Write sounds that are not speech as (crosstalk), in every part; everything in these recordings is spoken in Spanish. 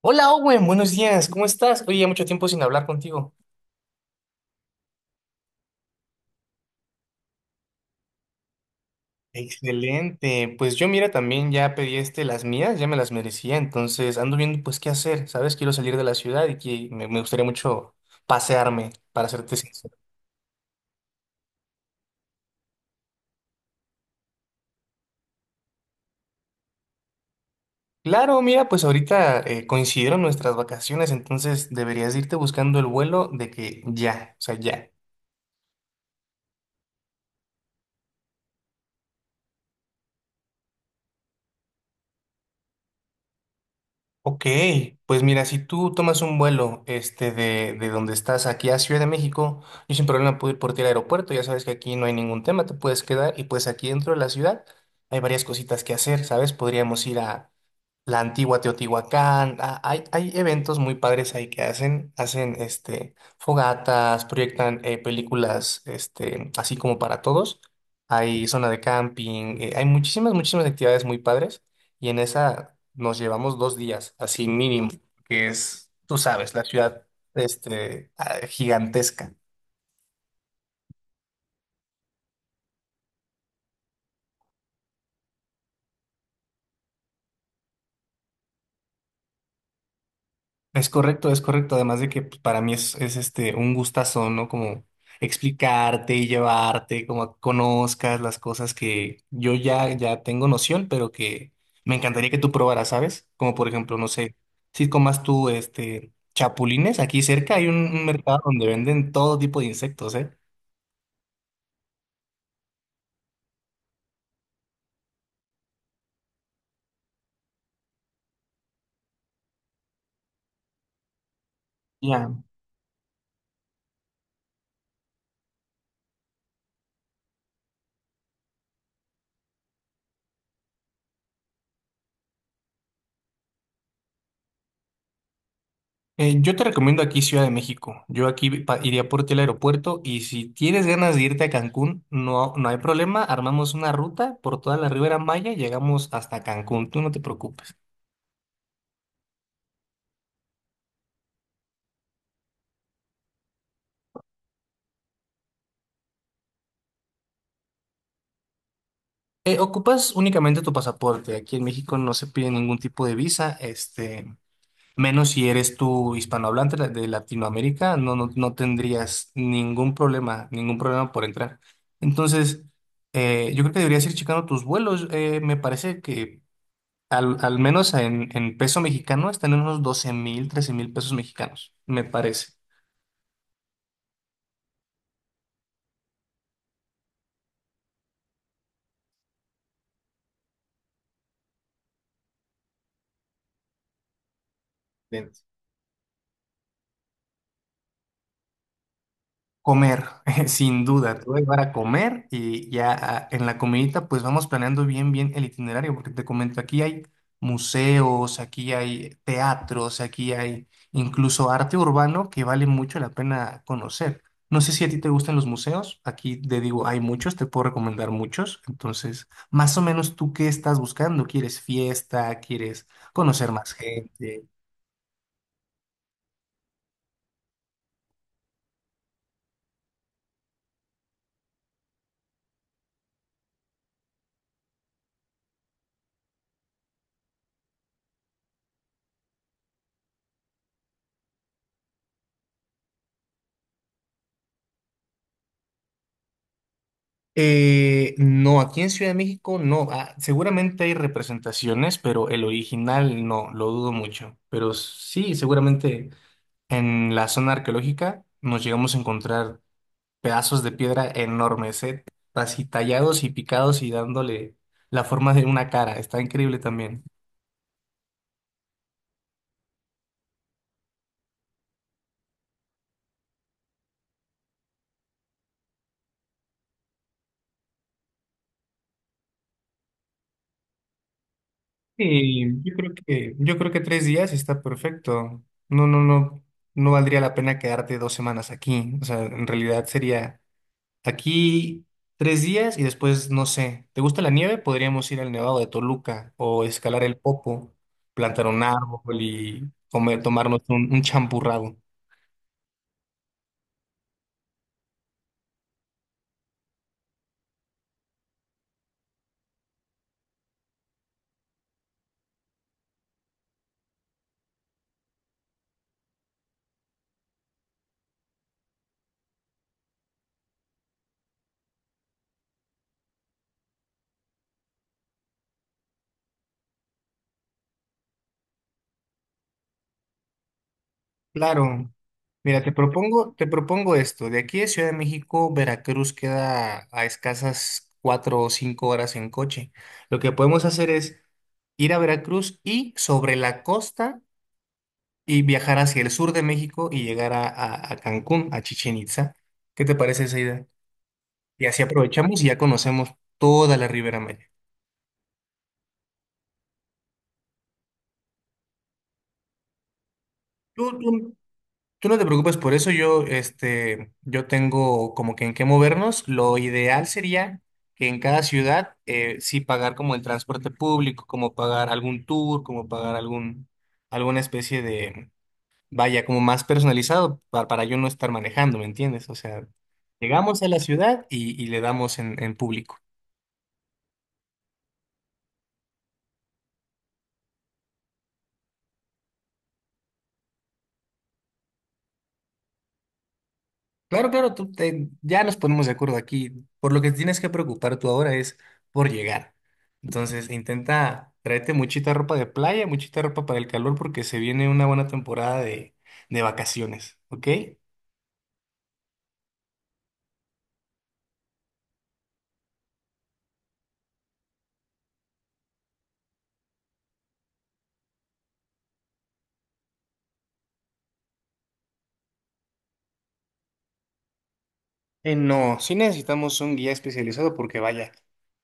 Hola Owen, buenos días, ¿cómo estás? Oye, ya mucho tiempo sin hablar contigo. Excelente, pues yo mira, también ya pedí las mías, ya me las merecía, entonces ando viendo pues qué hacer, ¿sabes? Quiero salir de la ciudad y que me gustaría mucho pasearme, para serte sincero. Claro, mira, pues ahorita coincidieron nuestras vacaciones, entonces deberías irte buscando el vuelo de que ya, o sea, ya. Ok, pues mira, si tú tomas un vuelo de donde estás aquí a Ciudad de México, yo sin problema puedo ir por ti al aeropuerto, ya sabes que aquí no hay ningún tema, te puedes quedar y pues aquí dentro de la ciudad hay varias cositas que hacer, ¿sabes? Podríamos ir a la antigua Teotihuacán. Ah, hay eventos muy padres ahí que hacen fogatas, proyectan películas así como para todos. Hay zona de camping, hay muchísimas actividades muy padres y en esa nos llevamos 2 días, así mínimo, que es, tú sabes, la ciudad gigantesca. Es correcto, es correcto. Además de que pues, para mí es un gustazo, ¿no? Como explicarte y llevarte, como a que conozcas las cosas que yo ya tengo noción, pero que me encantaría que tú probaras, ¿sabes? Como por ejemplo, no sé, si comas tú este chapulines, aquí cerca hay un mercado donde venden todo tipo de insectos, ¿eh? Ya. Yo te recomiendo aquí Ciudad de México. Yo aquí pa- iría por ti al aeropuerto y si tienes ganas de irte a Cancún, no hay problema. Armamos una ruta por toda la Ribera Maya y llegamos hasta Cancún. Tú no te preocupes. Ocupas únicamente tu pasaporte. Aquí en México no se pide ningún tipo de visa, menos si eres tú hispanohablante la- de Latinoamérica, no tendrías ningún problema por entrar. Entonces, yo creo que deberías ir checando tus vuelos. Me parece que al menos en peso mexicano están en unos 12,000, 13,000 pesos mexicanos, me parece. Comer, (laughs) sin duda, te voy a llevar a comer y ya ah, en la comidita pues vamos planeando bien el itinerario, porque te comento, aquí hay museos, aquí hay teatros, aquí hay incluso arte urbano que vale mucho la pena conocer. No sé si a ti te gustan los museos, aquí te digo, hay muchos, te puedo recomendar muchos, entonces, más o menos tú qué estás buscando, ¿quieres fiesta? ¿Quieres conocer más gente? No, aquí en Ciudad de México no. Ah, seguramente hay representaciones, pero el original no, lo dudo mucho. Pero sí, seguramente en la zona arqueológica nos llegamos a encontrar pedazos de piedra enormes, así tallados y picados y dándole la forma de una cara. Está increíble también. Y yo creo yo creo que 3 días está perfecto. No, no, no, no valdría la pena quedarte 2 semanas aquí. O sea, en realidad sería aquí 3 días y después, no sé, ¿te gusta la nieve? Podríamos ir al Nevado de Toluca o escalar el Popo, plantar un árbol y comer, tomarnos un champurrado. Claro. Mira, te propongo esto. De aquí de Ciudad de México, Veracruz queda a escasas 4 o 5 horas en coche. Lo que podemos hacer es ir a Veracruz y sobre la costa y viajar hacia el sur de México y llegar a Cancún, a Chichén Itzá. ¿Qué te parece esa idea? Y así aprovechamos y ya conocemos toda la Ribera Maya. Tú, tú- tú no te preocupes por eso, yo, este, yo tengo como que en qué movernos. Lo ideal sería que en cada ciudad sí pagar como el transporte público, como pagar algún tour, como pagar alguna especie vaya, como más personalizado para yo no estar manejando, ¿me entiendes? O sea, llegamos a la ciudad y le damos en público. Claro, claro, tú te- ya nos ponemos de acuerdo aquí. Por lo que tienes que preocupar tú ahora es por llegar. Entonces, intenta tráete muchita ropa de playa, muchita ropa para el calor, porque se viene una buena temporada de vacaciones, ¿ok? No, sí necesitamos un guía especializado porque vaya,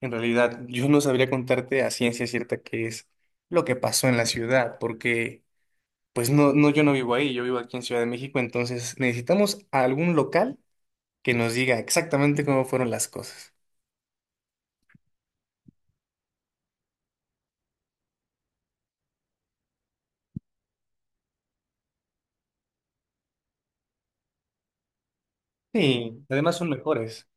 en realidad yo no sabría contarte a ciencia cierta qué es lo que pasó en la ciudad, porque yo no vivo ahí, yo vivo aquí en Ciudad de México, entonces necesitamos a algún local que nos diga exactamente cómo fueron las cosas. Sí, además son mejores.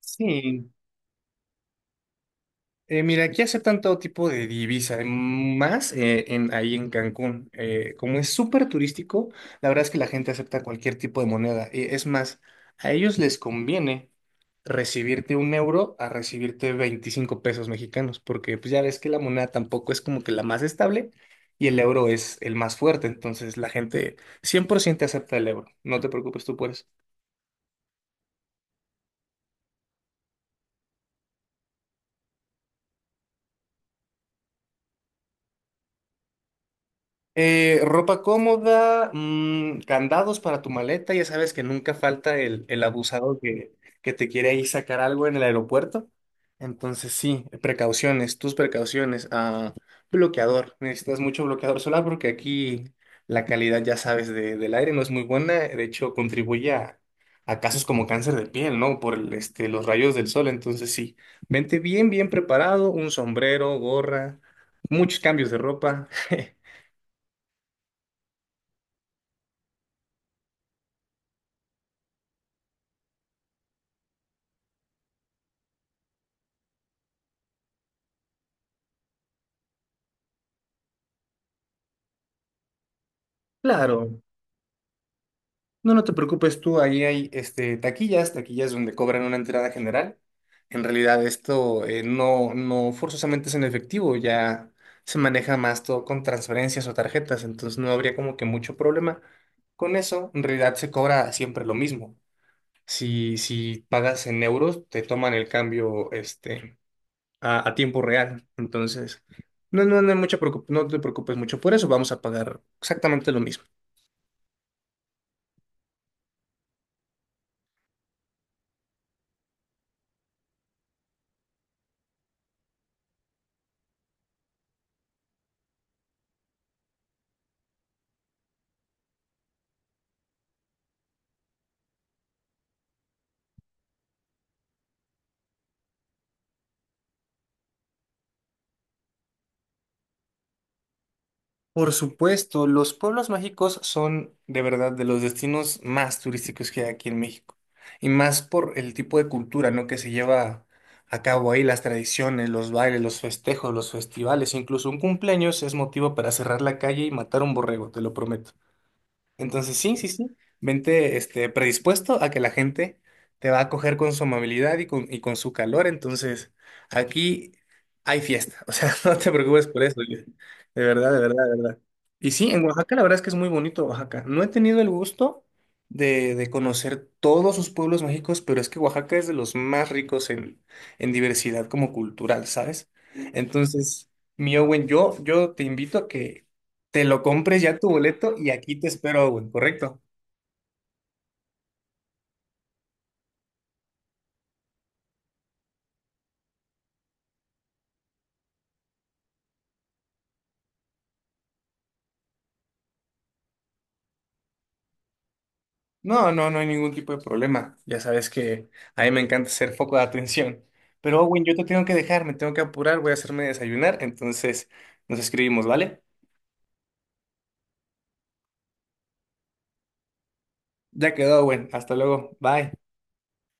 Sí. Mira, aquí aceptan todo tipo de divisa, ahí en Cancún. Como es súper turístico, la verdad es que la gente acepta cualquier tipo de moneda. Y es más, a ellos les conviene recibirte un euro a recibirte 25 pesos mexicanos, porque pues ya ves que la moneda tampoco es como que la más estable y el euro es el más fuerte. Entonces la gente 100% acepta el euro. No te preocupes tú por eso. Ropa cómoda, candados para tu maleta, ya sabes que nunca falta el abusado que te quiere ahí sacar algo en el aeropuerto. Entonces sí, precauciones, tus precauciones. Ah, bloqueador, necesitas mucho bloqueador solar porque aquí la calidad, ya sabes, de- del aire no es muy buena. De hecho, contribuye a casos como cáncer de piel, ¿no? Por los rayos del sol. Entonces sí, vente bien preparado, un sombrero, gorra, muchos cambios de ropa. (laughs) Claro, no te preocupes tú, ahí hay taquillas, taquillas donde cobran una entrada general. En realidad esto no forzosamente es en efectivo, ya se maneja más todo con transferencias o tarjetas, entonces no habría como que mucho problema. Con eso, en realidad se cobra siempre lo mismo. Si pagas en euros, te toman el cambio a tiempo real, entonces no hay mucha preocup- no te preocupes mucho por eso, vamos a pagar exactamente lo mismo. Por supuesto, los pueblos mágicos son de verdad de los destinos más turísticos que hay aquí en México. Y más por el tipo de cultura, ¿no? que se lleva a cabo ahí, las tradiciones, los bailes, los festejos, los festivales, incluso un cumpleaños es motivo para cerrar la calle y matar un borrego, te lo prometo. Entonces, sí, sí, sí. Vente, predispuesto a que la gente te va a acoger con su amabilidad y con su calor. Entonces, aquí hay fiesta. O sea, (laughs) no te preocupes por eso. Luis. De verdad, de verdad, de verdad. Y sí, en Oaxaca la verdad es que es muy bonito Oaxaca. No he tenido el gusto de conocer todos sus pueblos mágicos, pero es que Oaxaca es de los más ricos en diversidad como cultural, ¿sabes? Entonces, mi Owen, yo te invito te lo compres ya tu boleto y aquí te espero, güey, ¿correcto? No hay ningún tipo de problema. Ya sabes que a mí me encanta ser foco de atención. Pero, Owen, yo te tengo que dejar, me tengo que apurar, voy a hacerme desayunar, entonces nos escribimos, ¿vale? Ya quedó, Owen, hasta luego, bye.